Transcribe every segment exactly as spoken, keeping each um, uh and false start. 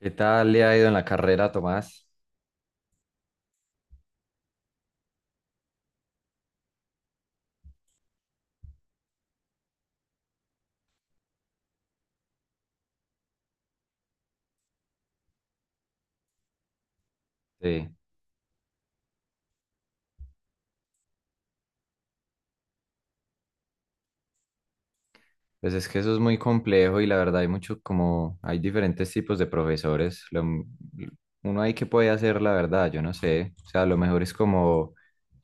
¿Qué tal le ha ido en la carrera, Tomás? Sí, pues es que eso es muy complejo y la verdad hay mucho como, hay diferentes tipos de profesores. Lo m- uno ahí que puede hacer, la verdad, yo no sé. O sea, lo mejor es como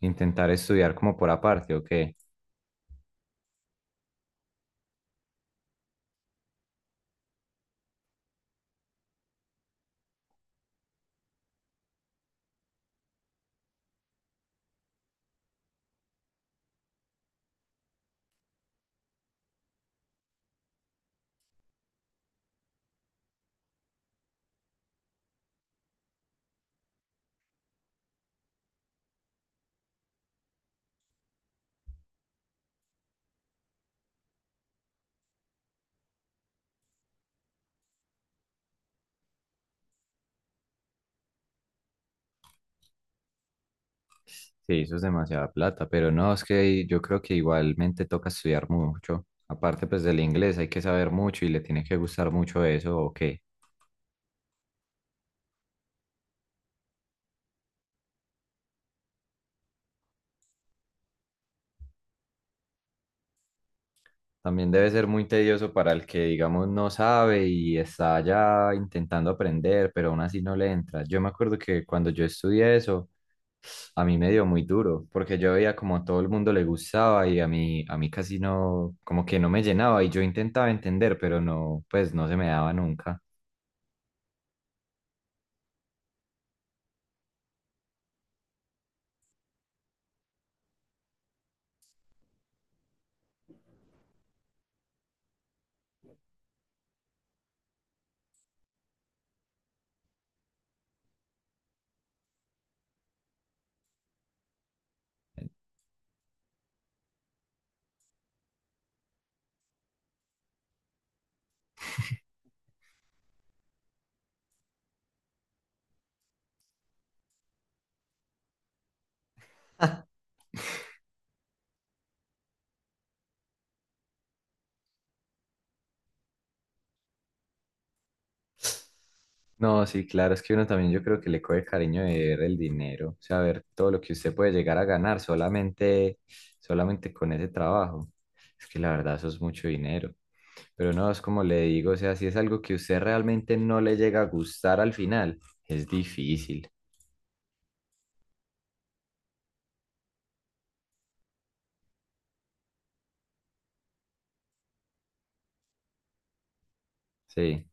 intentar estudiar como por aparte, ¿o qué? Sí, eso es demasiada plata, pero no, es que yo creo que igualmente toca estudiar mucho. Aparte pues del inglés hay que saber mucho y le tiene que gustar mucho eso, ¿o qué? También debe ser muy tedioso para el que, digamos, no sabe y está ya intentando aprender, pero aún así no le entra. Yo me acuerdo que cuando yo estudié eso, a mí me dio muy duro, porque yo veía como a todo el mundo le gustaba y a mí, a mí casi no, como que no me llenaba y yo intentaba entender, pero no, pues no se me daba nunca. No, sí, claro, es que uno también yo creo que le coge cariño de ver el dinero, o sea, ver todo lo que usted puede llegar a ganar solamente, solamente con ese trabajo. Es que la verdad eso es mucho dinero. Pero no, es como le digo, o sea, si es algo que usted realmente no le llega a gustar al final, es difícil. Sí,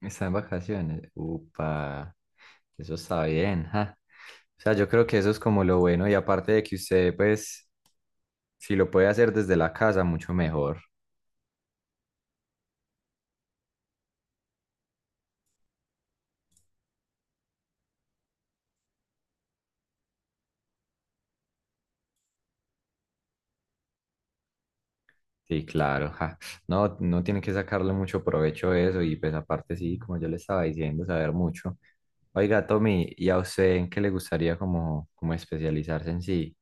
está en vacaciones. Upa, eso está bien, ja. O sea, yo creo que eso es como lo bueno y aparte de que usted, pues, si lo puede hacer desde la casa, mucho mejor. Sí, claro. Ja. No, no tiene que sacarle mucho provecho a eso y pues aparte sí, como yo le estaba diciendo, saber mucho. Oiga, Tommy, ¿y a usted en qué le gustaría como, como especializarse en sí?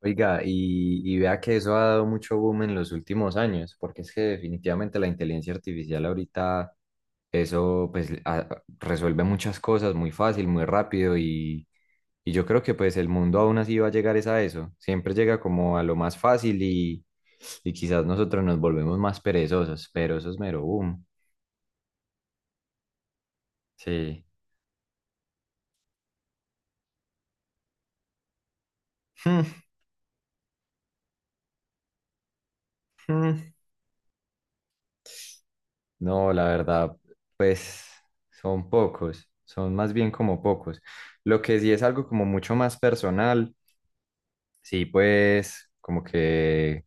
Oiga, y, y vea que eso ha dado mucho boom en los últimos años, porque es que definitivamente la inteligencia artificial ahorita, eso pues a- resuelve muchas cosas muy fácil, muy rápido y, y yo creo que pues el mundo aún así va a llegar es a eso, siempre llega como a lo más fácil y, y quizás nosotros nos volvemos más perezosos, pero eso es mero boom, sí. No, la verdad, pues son pocos, son más bien como pocos. Lo que sí es algo como mucho más personal, sí, pues como que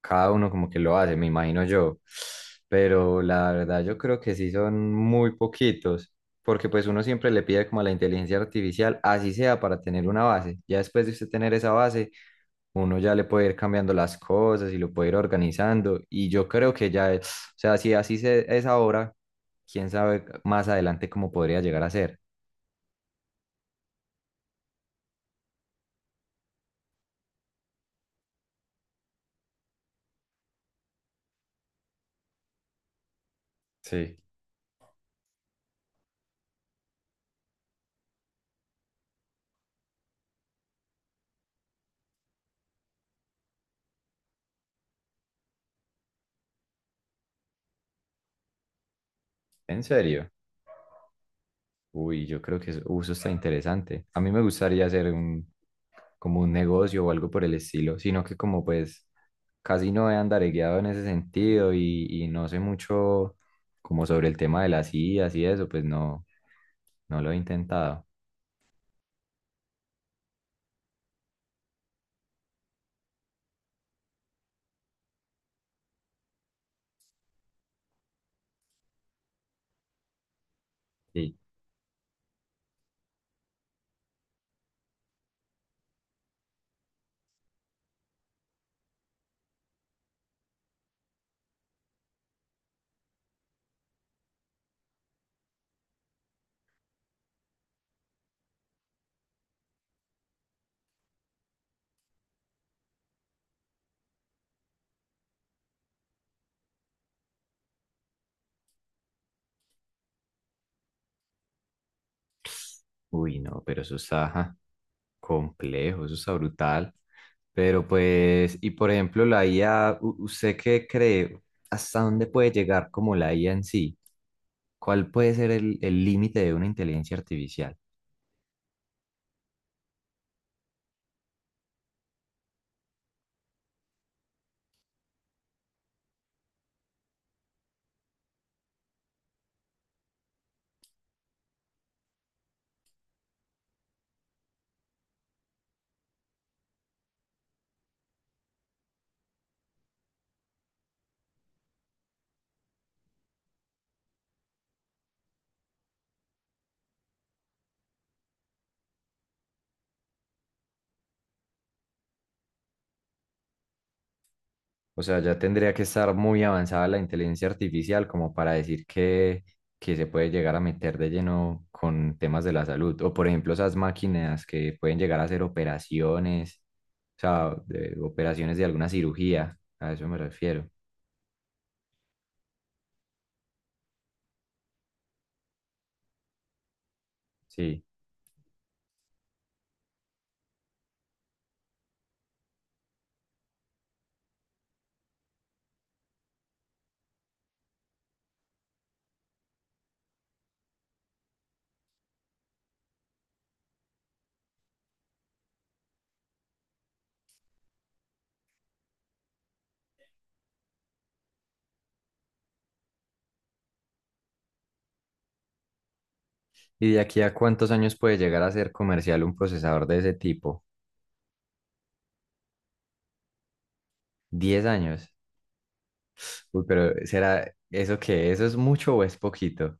cada uno como que lo hace, me imagino yo. Pero la verdad yo creo que sí son muy poquitos, porque pues uno siempre le pide como a la inteligencia artificial, así sea para tener una base. Ya después de usted tener esa base, uno ya le puede ir cambiando las cosas y lo puede ir organizando. Y yo creo que ya, es- o sea, si así se, es ahora, quién sabe más adelante cómo podría llegar a ser. Sí. ¿En serio? Uy, yo creo que eso uso está interesante. A mí me gustaría hacer un, como un negocio o algo por el estilo, sino que como pues casi no he andaregueado en ese sentido y, y no sé mucho como sobre el tema de las I As y eso, pues no, no lo he intentado. Sí. Uy, no, pero eso está... Ja. Complejo, eso está brutal. Pero pues, y por ejemplo, la I A, ¿u- ¿usted qué cree? ¿Hasta dónde puede llegar como la I A en sí? ¿Cuál puede ser el el límite de una inteligencia artificial? O sea, ya tendría que estar muy avanzada la inteligencia artificial como para decir que, que se puede llegar a meter de lleno con temas de la salud. O por ejemplo, esas máquinas que pueden llegar a hacer operaciones, o sea, de- operaciones de alguna cirugía, a eso me refiero. Sí. ¿Y de aquí a cuántos años puede llegar a ser comercial un procesador de ese tipo? ¿Diez años? Uy, pero ¿será eso qué? ¿Eso es mucho o es poquito?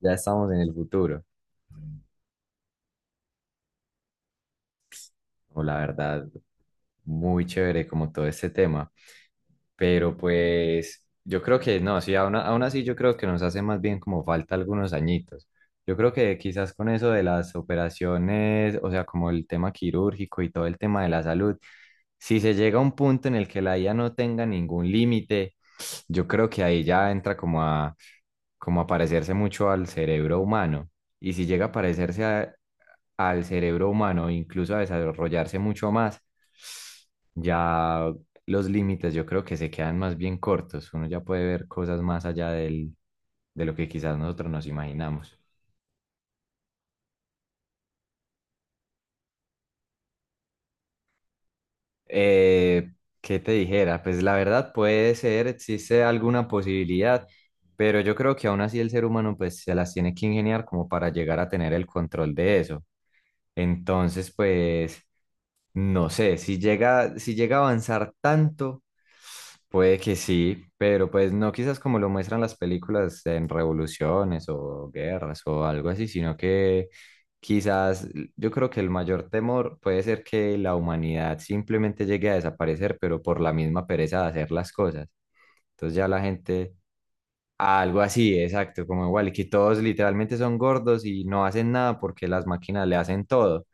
Ya estamos en el futuro. No, la verdad, muy chévere como todo este tema. Pero pues yo creo que no, sí, aún, aún así yo creo que nos hace más bien como falta algunos añitos. Yo creo que quizás con eso de las operaciones, o sea, como el tema quirúrgico y todo el tema de la salud, si se llega a un punto en el que la I A no tenga ningún límite, yo creo que ahí ya entra como a, como a parecerse mucho al cerebro humano. Y si llega a parecerse a- al cerebro humano, incluso a desarrollarse mucho más, ya los límites yo creo que se quedan más bien cortos. Uno ya puede ver cosas más allá del, de lo que quizás nosotros nos imaginamos. Eh, ¿qué te dijera? Pues la verdad puede ser, existe alguna posibilidad, pero yo creo que aún así el ser humano pues se las tiene que ingeniar como para llegar a tener el control de eso. Entonces, pues, no sé, si llega, si llega a avanzar tanto, puede que sí, pero pues no quizás como lo muestran las películas en revoluciones o guerras o algo así, sino que quizás yo creo que el mayor temor puede ser que la humanidad simplemente llegue a desaparecer, pero por la misma pereza de hacer las cosas. Entonces ya la gente... Algo así, exacto, como igual, que todos literalmente son gordos y no hacen nada porque las máquinas le hacen todo.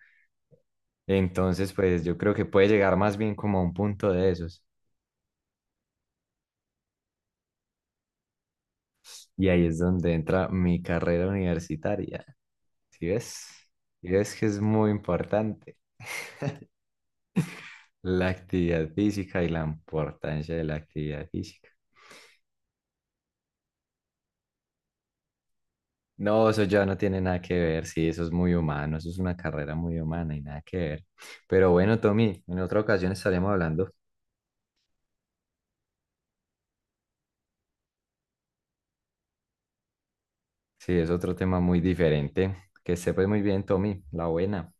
Entonces, pues yo creo que puede llegar más bien como a un punto de esos. Y ahí es donde entra mi carrera universitaria. ¿Sí ves? ¿Sí ves que es muy importante? La actividad física y la importancia de la actividad física. No, eso ya no tiene nada que ver, sí, eso es muy humano, eso es una carrera muy humana y nada que ver. Pero bueno, Tommy, en otra ocasión estaremos hablando. Sí, es otro tema muy diferente. Que sepas muy bien, Tommy, la buena.